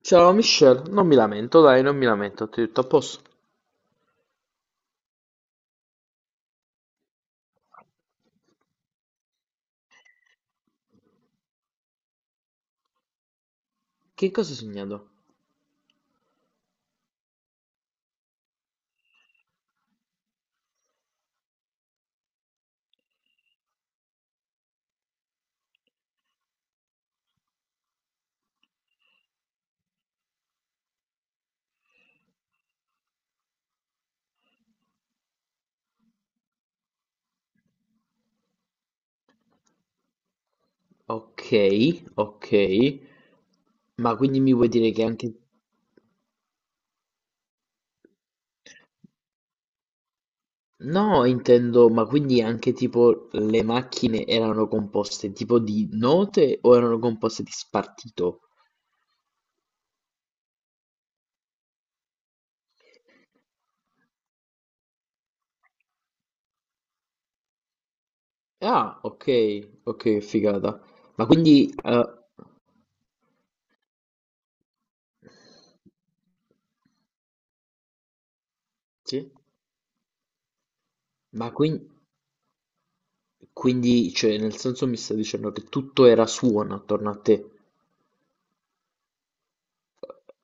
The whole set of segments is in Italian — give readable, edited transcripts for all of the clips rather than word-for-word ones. Ciao Michelle, non mi lamento, dai, non mi lamento, ti ho detto a posto. Che cosa hai sognato? Ok, ok, ma quindi mi vuoi dire che anche... No, intendo, ma quindi anche tipo le macchine erano composte tipo di note o erano composte di spartito? Ah, ok, ok, figata. Ma quindi... sì? Ma quin- quindi, cioè, nel senso mi sta dicendo che tutto era suono attorno a te.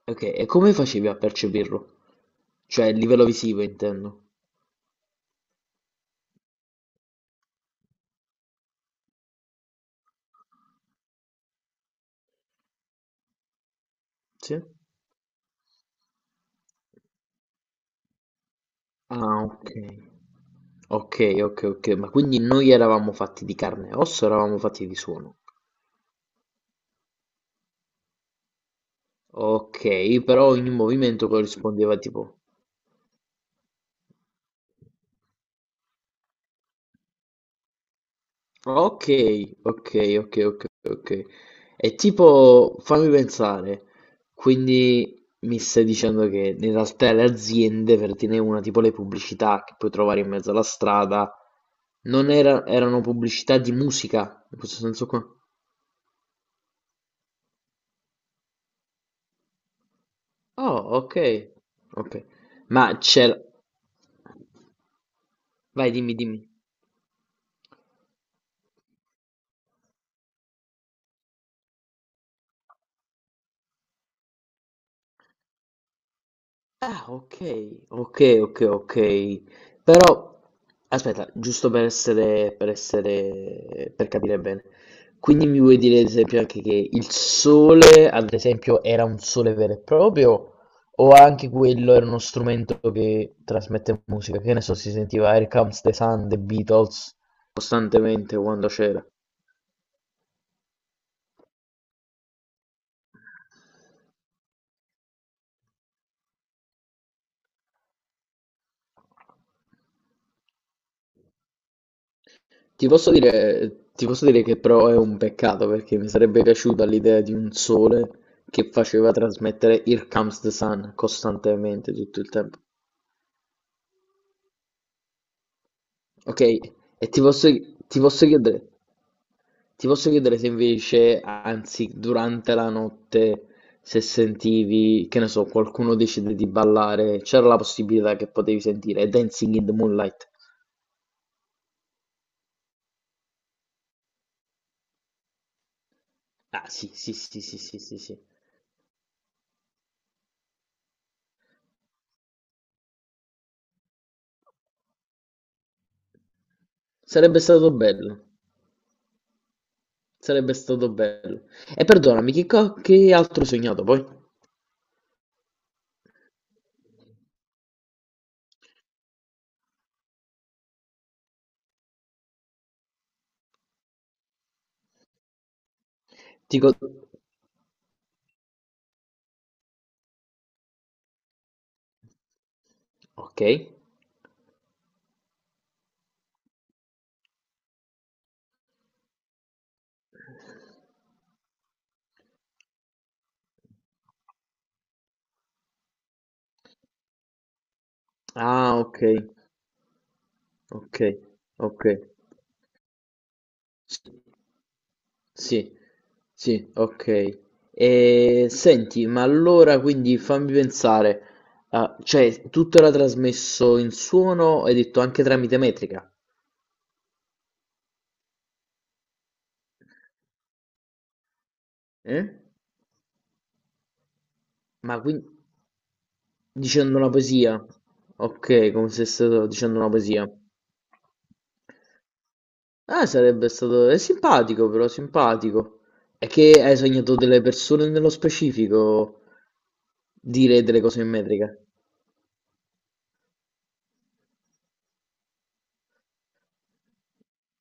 Ok, e come facevi a percepirlo? Cioè, a livello visivo intendo. Sì? Ah, ok. Ok, ok, ok, ma quindi noi eravamo fatti di carne e osso, eravamo fatti di suono. Ok, però ogni movimento corrispondeva tipo... Ok, ok, ok, ok, ok. È tipo, fammi pensare, quindi mi stai dicendo che in realtà le aziende, per dire una, tipo le pubblicità che puoi trovare in mezzo alla strada, non era- erano pubblicità di musica, in questo senso qua? Oh, ok, ok. Ma c'era... Vai, dimmi, dimmi. Ah, okay, okay, okay, okay. Però aspetta, giusto per capire bene. Quindi mi vuoi dire ad esempio anche che il sole, ad esempio, era un sole vero e proprio o anche quello era uno strumento che trasmette musica? Che ne so, si sentiva Here Comes the Sun, The Beatles costantemente quando c'era. Ti posso dire che però è un peccato perché mi sarebbe piaciuta l'idea di un sole che faceva trasmettere Here Comes the Sun costantemente tutto il tempo. Ok? E ti posso chiedere, ti posso chiedere se invece, anzi, durante la notte, se sentivi, che ne so, qualcuno decide di ballare, c'era la possibilità che potevi sentire Dancing in the Moonlight. Ah, sì, sì, sì, sì, sì, sì, sì. Sarebbe stato bello. Sarebbe stato bello. E perdonami, che altro hai sognato poi? Ti co- Ok. Ah, ok. Ok. Ok. Sì. Sì. Sì, ok. E senti, ma allora quindi fammi pensare, ah, cioè tutto era trasmesso in suono, hai detto anche tramite metrica? Eh? Ma quindi dicendo una poesia? Ok, come se stavo dicendo una poesia. Ah, sarebbe stato... È simpatico però, simpatico. È che hai sognato delle persone nello specifico dire delle cose in metrica.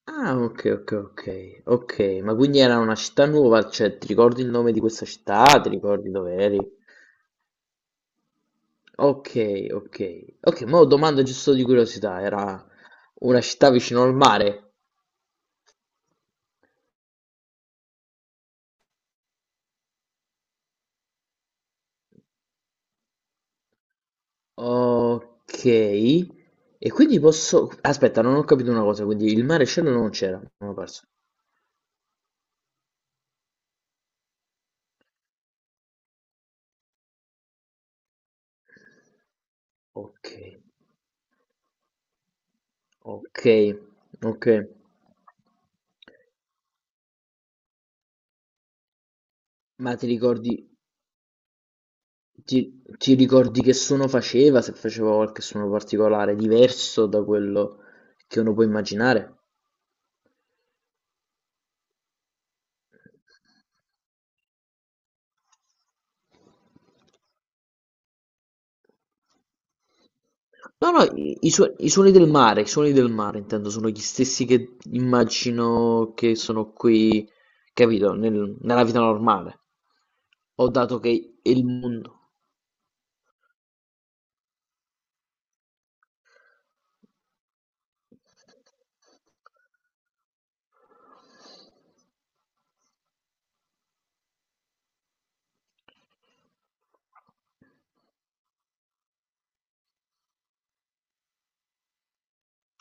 Ah, ok, ok, ok. Ok, ma quindi era una città nuova, cioè ti ricordi il nome di questa città? Ti ricordi dove eri? Ok, ok. Ok, ma domanda giusto di curiosità, era una città vicino al mare. Ok. E quindi posso... Aspetta, non ho capito una cosa, quindi il mare e il cielo non c'era, mi ho perso. Ok. Ok, ok. Ma ti ricordi, ti, ti ricordi che suono faceva? Se faceva qualche suono particolare, diverso da quello che uno può immaginare? No, no, i suoni del mare, i suoni del mare, intendo, sono gli stessi che immagino che sono qui, capito, nella vita normale. Ho dato che il mondo...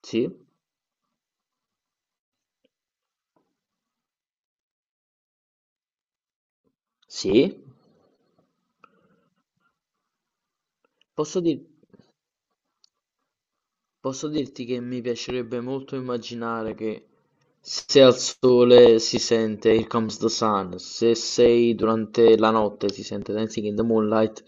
Sì? Sì? Posso dire... Posso dirti che mi piacerebbe molto immaginare che se al sole si sente Here Comes the Sun, se sei durante la notte si sente Dancing in the Moonlight.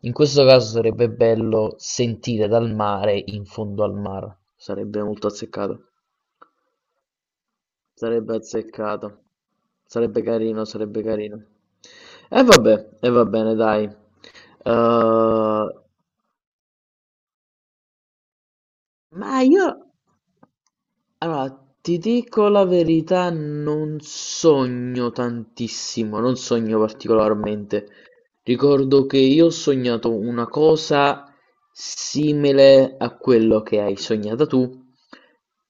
In questo caso sarebbe bello sentire dal mare in fondo al mare. Sarebbe molto azzeccato. Sarebbe azzeccato. Sarebbe carino, sarebbe carino. E vabbè, e va bene, dai. Eh, Ma io, allora, ti dico la verità, non sogno tantissimo, non sogno particolarmente. Ricordo che io ho sognato una cosa simile a quello che hai sognato tu,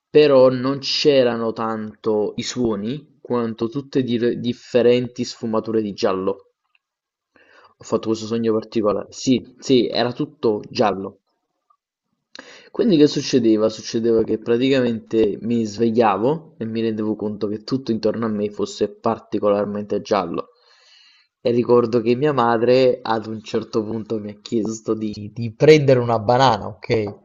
però non c'erano tanto i suoni quanto differenti sfumature di giallo. Ho fatto questo sogno particolare. Sì, sì, era tutto giallo. Quindi che succedeva? Succedeva che praticamente mi svegliavo e mi rendevo conto che tutto intorno a me fosse particolarmente giallo. E ricordo che mia madre ad un certo punto mi ha chiesto di prendere una banana, ok?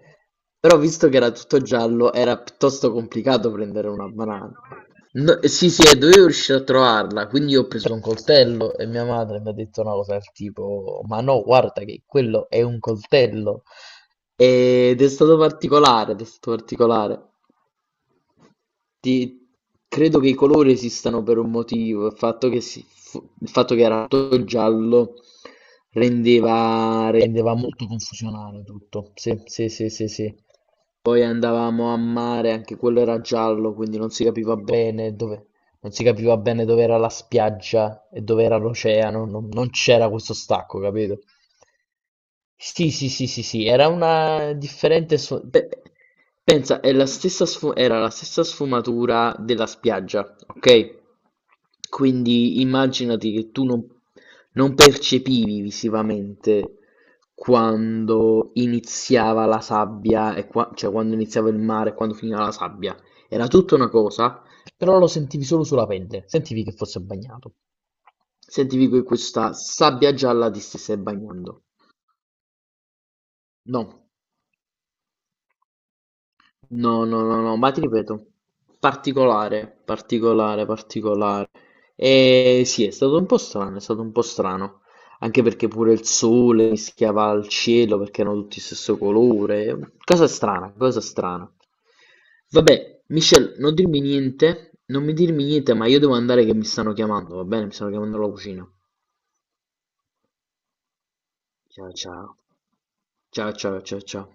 Però visto che era tutto giallo era piuttosto complicato prendere una banana. No, sì, sì, e dovevo riuscire a trovarla, quindi io ho preso un coltello e mia madre mi ha detto una cosa del tipo, ma no, guarda che quello è un coltello. Ed è stato particolare, ed è stato particolare. Ti credo che i colori esistano per un motivo, il fatto che si fu il fatto che era tutto giallo rendeva molto confusionario tutto. Sì, sì, sì, sì, sì. Poi andavamo a mare, anche quello era giallo, quindi non si capiva bene dove, non si capiva bene dove era la spiaggia e dove era l'oceano, non c'era questo stacco, capito? Sì, sì, sì, sì, sì, era una pensa, è la era la stessa sfumatura della spiaggia, ok? Quindi immaginati che tu non, non percepivi visivamente quando iniziava la sabbia, e cioè quando iniziava il mare e quando finiva la sabbia. Era tutta una cosa, però lo sentivi solo sulla pelle, sentivi che fosse bagnato, sentivi che questa sabbia gialla ti stesse bagnando. No. No, no, no, no, ma ti ripeto, particolare, particolare, particolare. E sì, è stato un po' strano, è stato un po' strano, anche perché pure il sole mischiava al cielo perché erano tutti stesso colore. Cosa strana, cosa strana. Vabbè, Michelle, non dirmi niente, non mi dirmi niente, ma io devo andare che mi stanno chiamando, va bene? Mi stanno chiamando alla cucina. Ciao, ciao. Ciao, ciao, ciao, ciao.